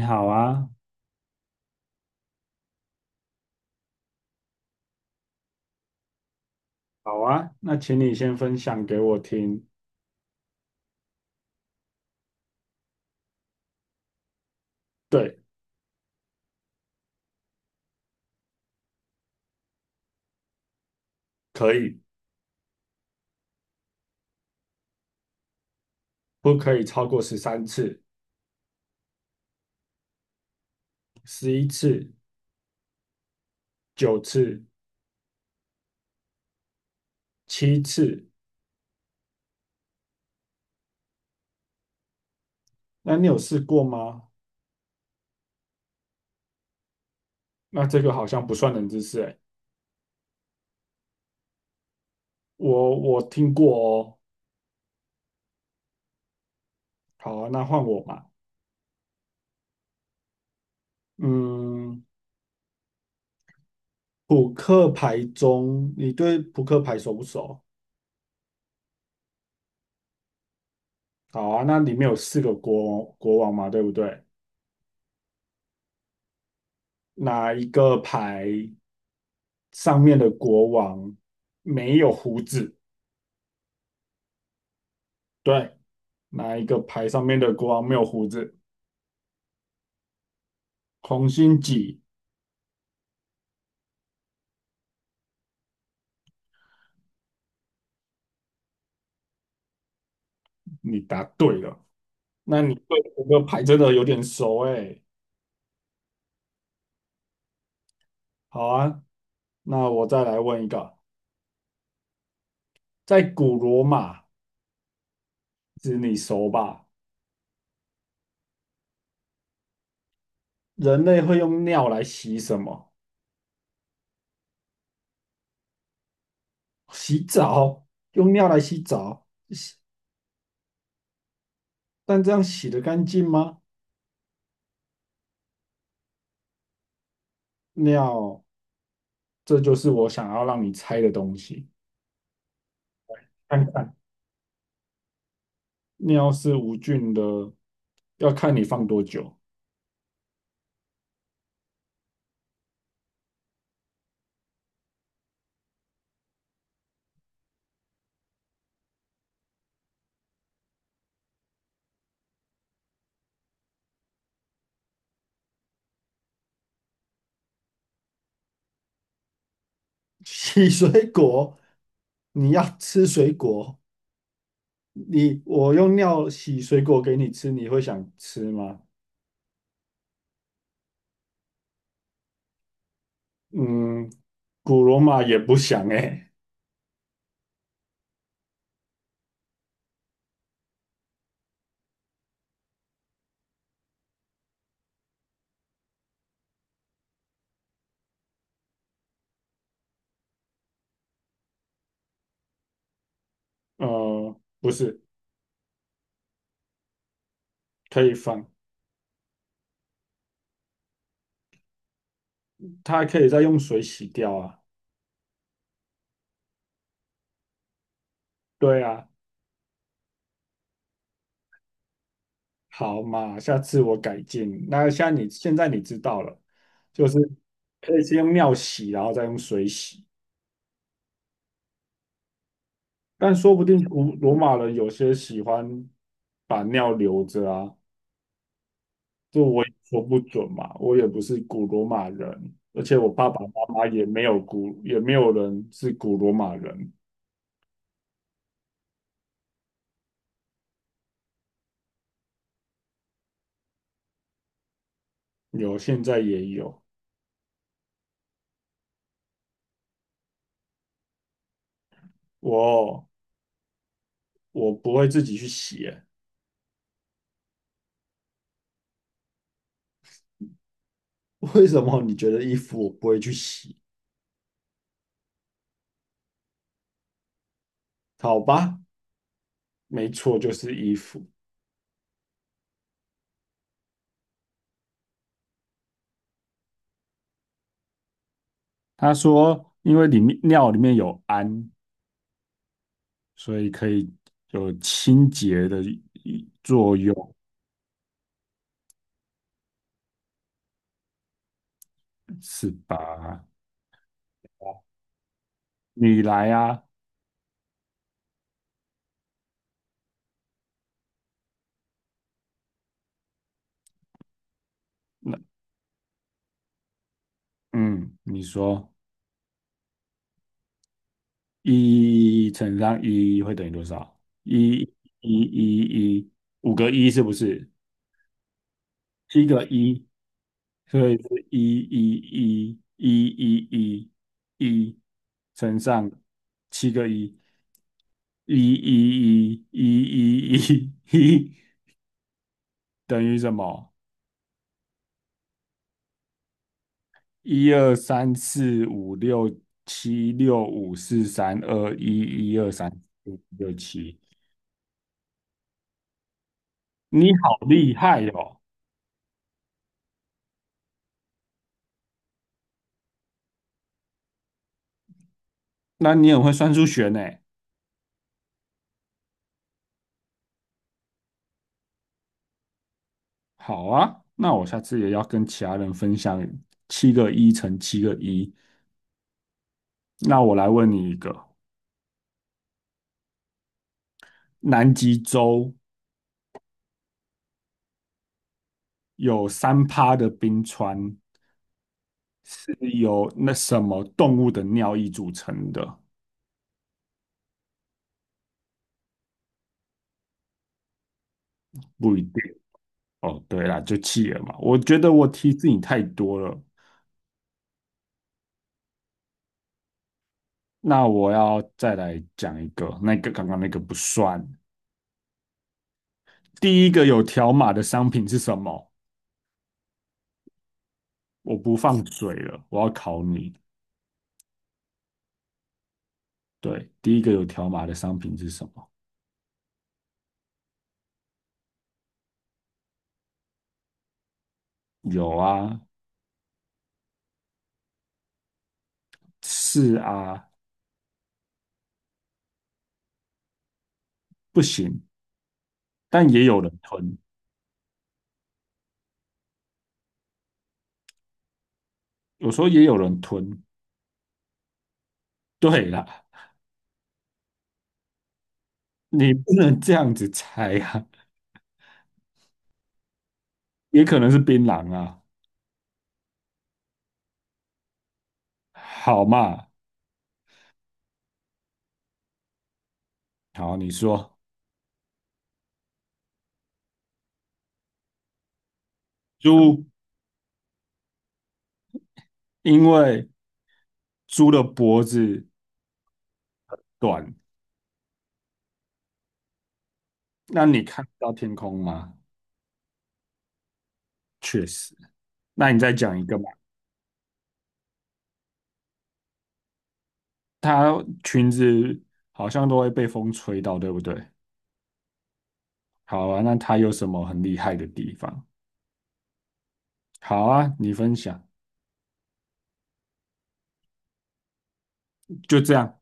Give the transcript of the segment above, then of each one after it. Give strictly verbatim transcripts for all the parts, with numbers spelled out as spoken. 你好啊，好啊，那请你先分享给我听。对，可以，不可以超过十三次、十一次、九次、七次？那你有试过吗？那这个好像不算冷知识诶，我我听过哦。好啊，那换我吧。嗯，扑克牌中，你对扑克牌熟不熟？好啊，那里面有四个国国王嘛，对不对？哪一个牌上面的国王没有胡子？对，哪一个牌上面的国王没有胡子？红心几？你答对了。那你对这个牌真的有点熟哎。好啊，那我再来问一个，在古罗马，这你熟吧？人类会用尿来洗什么？洗澡，用尿来洗澡，洗，但这样洗得干净吗？尿，这就是我想要让你猜的东西。看看，尿是无菌的，要看你放多久。洗水果，你要吃水果，你我用尿洗水果给你吃，你会想吃吗？嗯，古罗马也不想哎、呃，不是，可以放，它可以再用水洗掉啊。对啊，好嘛，下次我改进。那像你现在你知道了，就是可以先用尿洗，然后再用水洗。但说不定古罗马人有些喜欢把尿留着啊。这我也说不准嘛，我也不是古罗马人，而且我爸爸妈妈也没有古，也没有人是古罗马人，有现在也有，我我不会自己去洗欸 为什么你觉得衣服我不会去洗？好吧，没错，就是衣服。他说，因为里面尿里面有氨，所以可以有清洁的作用，是吧？你来啊，那嗯，你说。一乘上一会等于多少？一一一一，五个一是不是？七个一，所以是一一一一一一一乘上七个一，一一一一一一一等于什么？一二三四五六七六五四三二一一二三四五六七，你好厉害哦！那你很会算数学呢。好啊，那我下次也要跟其他人分享七个一乘七个一。那我来问你一个：南极洲有三趴的冰川是由那什么动物的尿液组成的？不一定哦。对啦，就企鹅嘛。我觉得我提示你太多了。那我要再来讲一个，那个刚刚那个不算。第一个有条码的商品是什么？我不放水了，我要考你。对，第一个有条码的商品是什么？有啊，是啊，不行，但也有人吞。有时候也有人吞。对啦，你不能这样子猜啊，也可能是槟榔啊。好嘛，好，你说猪，因为猪的脖子短，那你看不到天空吗？确实。那你再讲一个嘛，它裙子好像都会被风吹到，对不对？好啊，那它有什么很厉害的地方？好啊，你分享，就这样。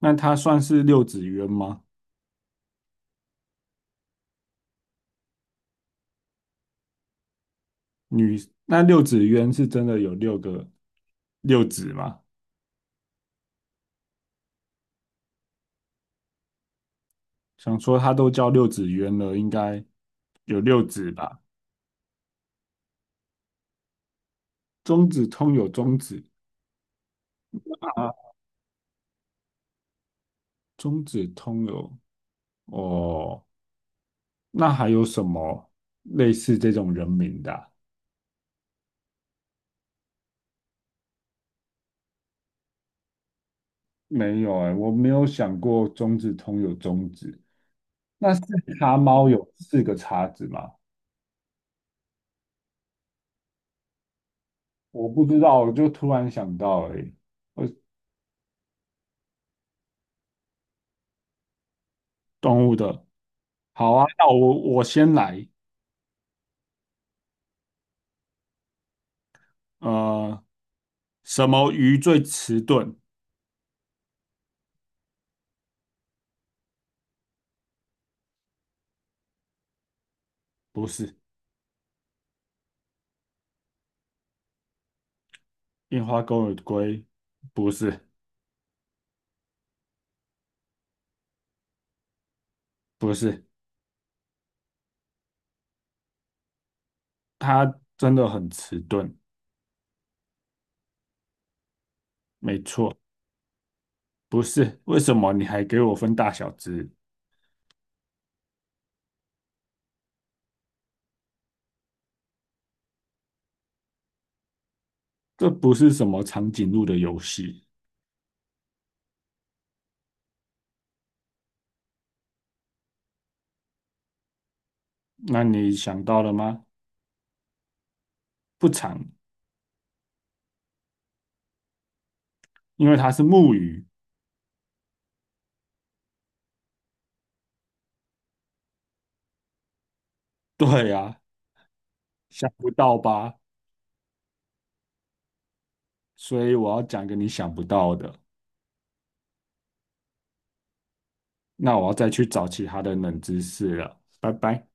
那它算是六子渊吗？女，那六子渊是真的有六个六子吗？想说它都叫六子渊了，应该有六子吧？中子通有中子，啊，中子通有哦。那还有什么类似这种人名的啊没有哎、我没有想过中子通有中子。那四叉猫有四个叉子吗？我不知道，我就突然想到哎、欸，呃，动物的好啊，那我我先来。呃，什么鱼最迟钝？不是，印花钩尾龟，不是，不是，它真的很迟钝，没错，不是。为什么你还给我分大小只？这不是什么长颈鹿的游戏。那你想到了吗？不长，因为它是木鱼。对啊，想不到吧？所以我要讲个你想不到的。那我要再去找其他的冷知识了。拜拜。